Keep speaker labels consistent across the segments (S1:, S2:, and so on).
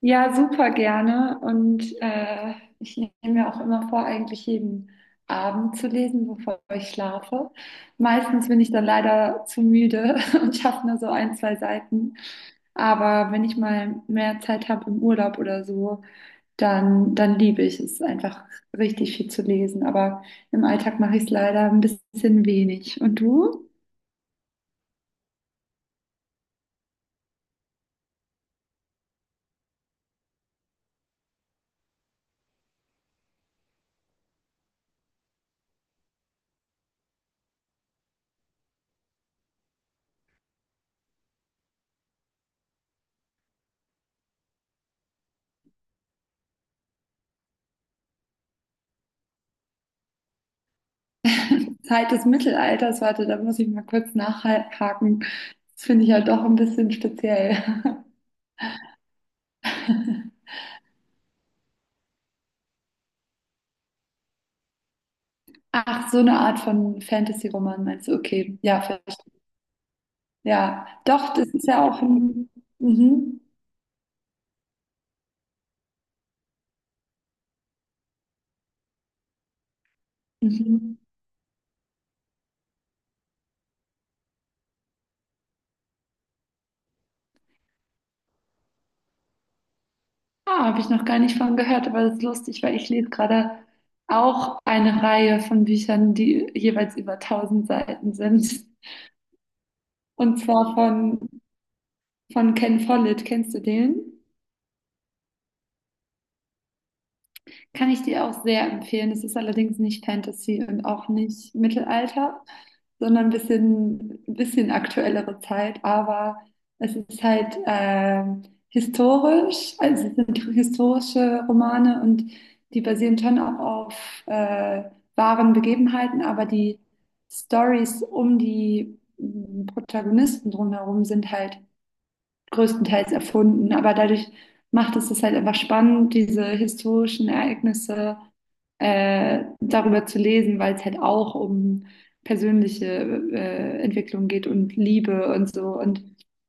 S1: Ja, super gerne. Ich nehme mir auch immer vor, eigentlich jeden Abend zu lesen, bevor ich schlafe. Meistens bin ich dann leider zu müde und schaffe nur so ein, zwei Seiten. Aber wenn ich mal mehr Zeit habe im Urlaub oder so, dann liebe ich es einfach richtig viel zu lesen. Aber im Alltag mache ich es leider ein bisschen wenig. Und du? Zeit des Mittelalters, warte, da muss ich mal kurz nachhaken. Das finde ich ja doch ein bisschen speziell. Ach, so eine Art von Fantasy-Roman meinst du? Okay, ja, verstehe. Ja, doch, das ist ja auch ein. Mhm, mhm. Ah, habe ich noch gar nicht von gehört, aber das ist lustig, weil ich lese gerade auch eine Reihe von Büchern, die jeweils über 1000 Seiten sind. Und zwar von, von Ken Follett. Kennst du den? Kann ich dir auch sehr empfehlen. Es ist allerdings nicht Fantasy und auch nicht Mittelalter, sondern ein bisschen aktuellere Zeit. Aber es ist halt historisch, also es sind historische Romane und die basieren schon auch auf wahren Begebenheiten, aber die Stories um Protagonisten drumherum sind halt größtenteils erfunden. Aber dadurch macht es das halt einfach spannend, diese historischen Ereignisse darüber zu lesen, weil es halt auch um persönliche Entwicklung geht und Liebe und so. Und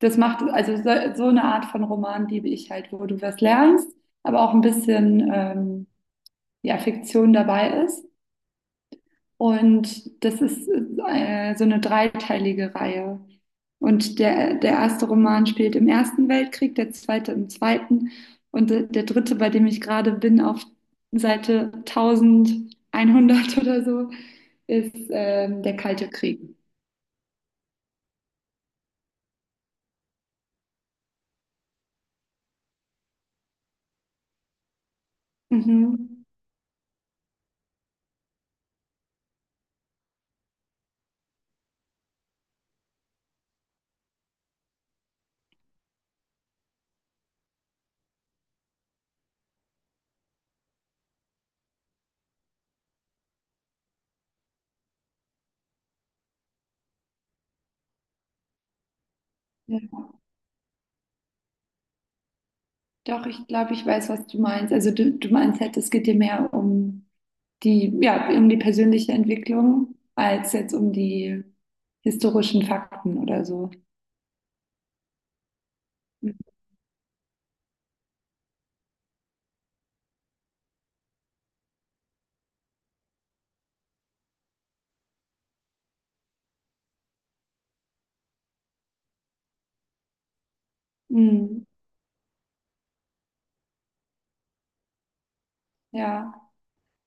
S1: das macht, also so, so eine Art von Roman liebe ich halt, wo du was lernst, aber auch ein bisschen ja, Fiktion dabei ist. Und das ist so eine dreiteilige Reihe. Und der erste Roman spielt im Ersten Weltkrieg, der zweite im Zweiten und der dritte, bei dem ich gerade bin, auf Seite 1100 oder so, ist der Kalte Krieg. Mhm. Ja. Doch, ich glaube, ich weiß, was du meinst. Also du meinst halt, es geht dir mehr um die, ja, um die persönliche Entwicklung als jetzt um die historischen Fakten oder so. Mhm. Ja,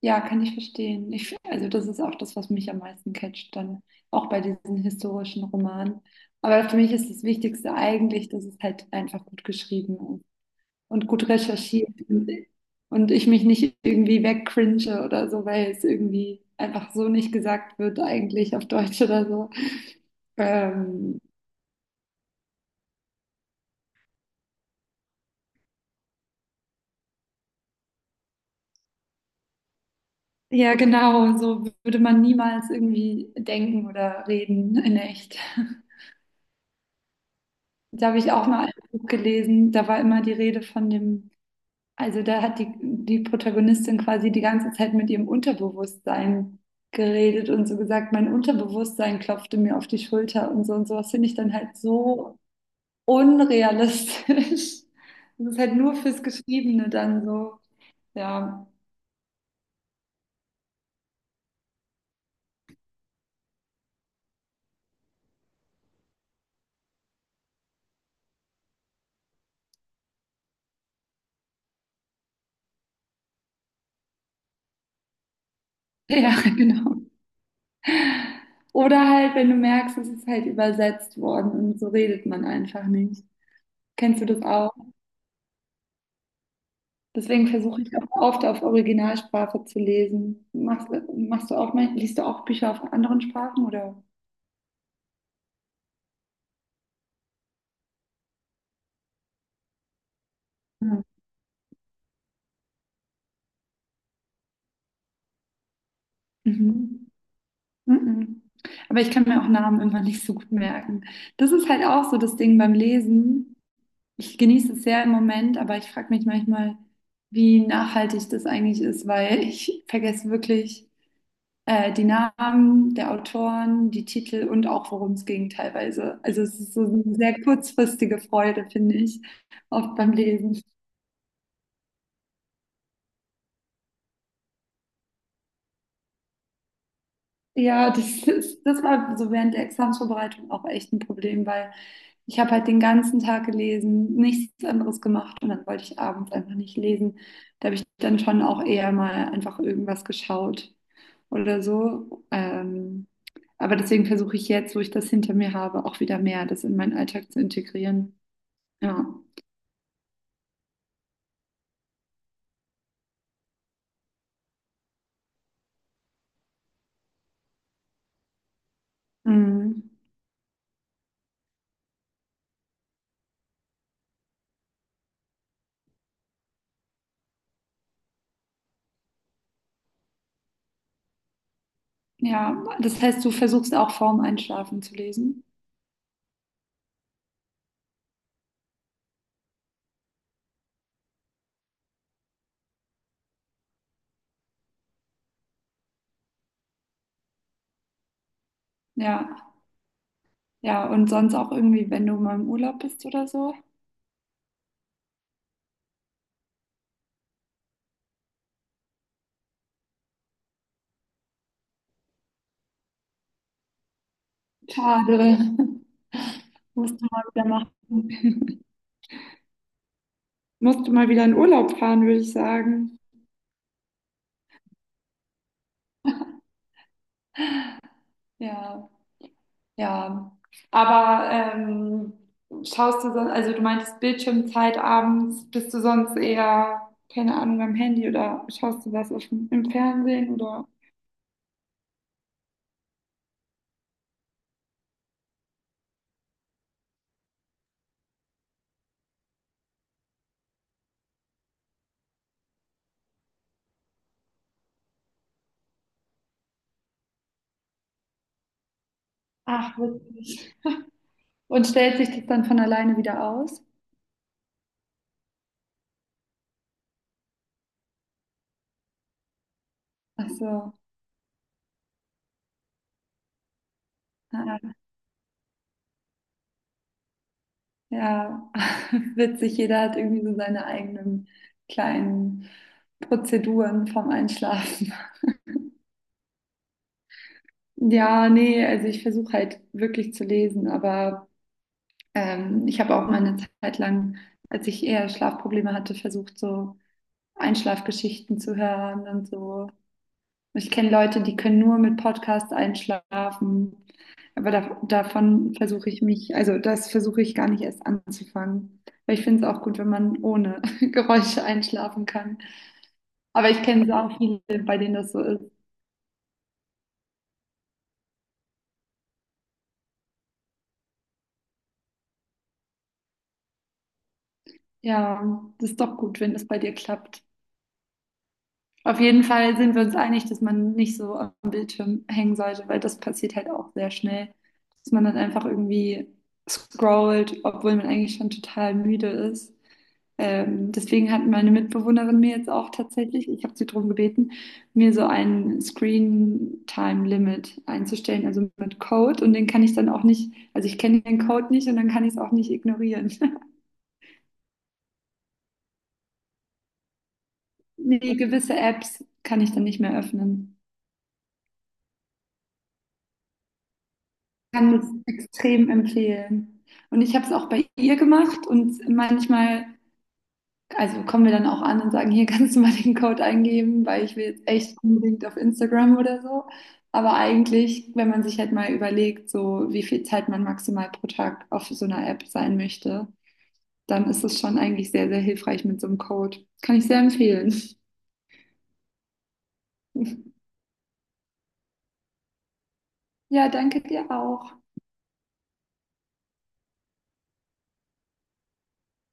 S1: ja, kann ich verstehen. Ich, also das ist auch das, was mich am meisten catcht, dann auch bei diesen historischen Romanen. Aber für mich ist das Wichtigste eigentlich, dass es halt einfach gut geschrieben ist und gut recherchiert und ich mich nicht irgendwie wegcringe oder so, weil es irgendwie einfach so nicht gesagt wird, eigentlich auf Deutsch oder so. Ähm, ja, genau, so würde man niemals irgendwie denken oder reden in echt. Da habe ich auch mal ein Buch gelesen, da war immer die Rede von dem, also da hat die Protagonistin quasi die ganze Zeit mit ihrem Unterbewusstsein geredet und so gesagt, mein Unterbewusstsein klopfte mir auf die Schulter und so und so. Sowas finde ich dann halt so unrealistisch. Das ist halt nur fürs Geschriebene dann so, ja. Ja, genau. Oder halt, wenn du merkst, es ist halt übersetzt worden und so redet man einfach nicht. Kennst du das auch? Deswegen versuche ich auch oft auf Originalsprache zu lesen. Machst du auch, liest du auch Bücher auf anderen Sprachen oder? Mhm. Mhm. Mhm. Aber ich kann mir auch Namen immer nicht so gut merken. Das ist halt auch so das Ding beim Lesen. Ich genieße es sehr im Moment, aber ich frage mich manchmal, wie nachhaltig das eigentlich ist, weil ich vergesse wirklich. Die Namen der Autoren, die Titel und auch worum es ging teilweise. Also es ist so eine sehr kurzfristige Freude, finde ich, oft beim Lesen. Ja, das war so während der Examsvorbereitung auch echt ein Problem, weil ich habe halt den ganzen Tag gelesen, nichts anderes gemacht und dann wollte ich abends einfach nicht lesen. Da habe ich dann schon auch eher mal einfach irgendwas geschaut oder so. Aber deswegen versuche ich jetzt, wo ich das hinter mir habe, auch wieder mehr das in meinen Alltag zu integrieren. Ja. Mhm. Ja, das heißt, du versuchst auch vorm Einschlafen zu lesen. Ja, ja, und sonst auch irgendwie, wenn du mal im Urlaub bist oder so. Schade. Musst du mal wieder machen. Musste mal wieder in Urlaub fahren, würde ich sagen. Ja, ja. Aber schaust du sonst, also du meintest Bildschirmzeit abends, bist du sonst eher, keine Ahnung, am Handy oder schaust du was auf dem, im Fernsehen oder? Ach, witzig. Und stellt sich das dann von alleine wieder aus? Ach so, ah, ja, witzig. Jeder hat irgendwie so seine eigenen kleinen Prozeduren vom Einschlafen. Ja, nee, also ich versuche halt wirklich zu lesen, aber ich habe auch mal eine Zeit lang, als ich eher Schlafprobleme hatte, versucht, so Einschlafgeschichten zu hören und so. Ich kenne Leute, die können nur mit Podcasts einschlafen. Aber davon versuche ich mich, also das versuche ich gar nicht erst anzufangen. Weil ich finde es auch gut, wenn man ohne Geräusche einschlafen kann. Aber ich kenne auch viele, bei denen das so ist. Ja, das ist doch gut, wenn das bei dir klappt. Auf jeden Fall sind wir uns einig, dass man nicht so am Bildschirm hängen sollte, weil das passiert halt auch sehr schnell, dass man dann einfach irgendwie scrollt, obwohl man eigentlich schon total müde ist. Deswegen hat meine Mitbewohnerin mir jetzt auch tatsächlich, ich habe sie darum gebeten, mir so ein Screen-Time-Limit einzustellen, also mit Code. Und den kann ich dann auch nicht, also ich kenne den Code nicht und dann kann ich es auch nicht ignorieren. Nee, gewisse Apps kann ich dann nicht mehr öffnen. Kann es extrem empfehlen. Und ich habe es auch bei ihr gemacht und manchmal, also kommen wir dann auch an und sagen, hier kannst du mal den Code eingeben, weil ich will jetzt echt unbedingt auf Instagram oder so. Aber eigentlich, wenn man sich halt mal überlegt, so wie viel Zeit man maximal pro Tag auf so einer App sein möchte, dann ist es schon eigentlich sehr, sehr hilfreich mit so einem Code. Kann ich sehr empfehlen. Ja, danke dir auch.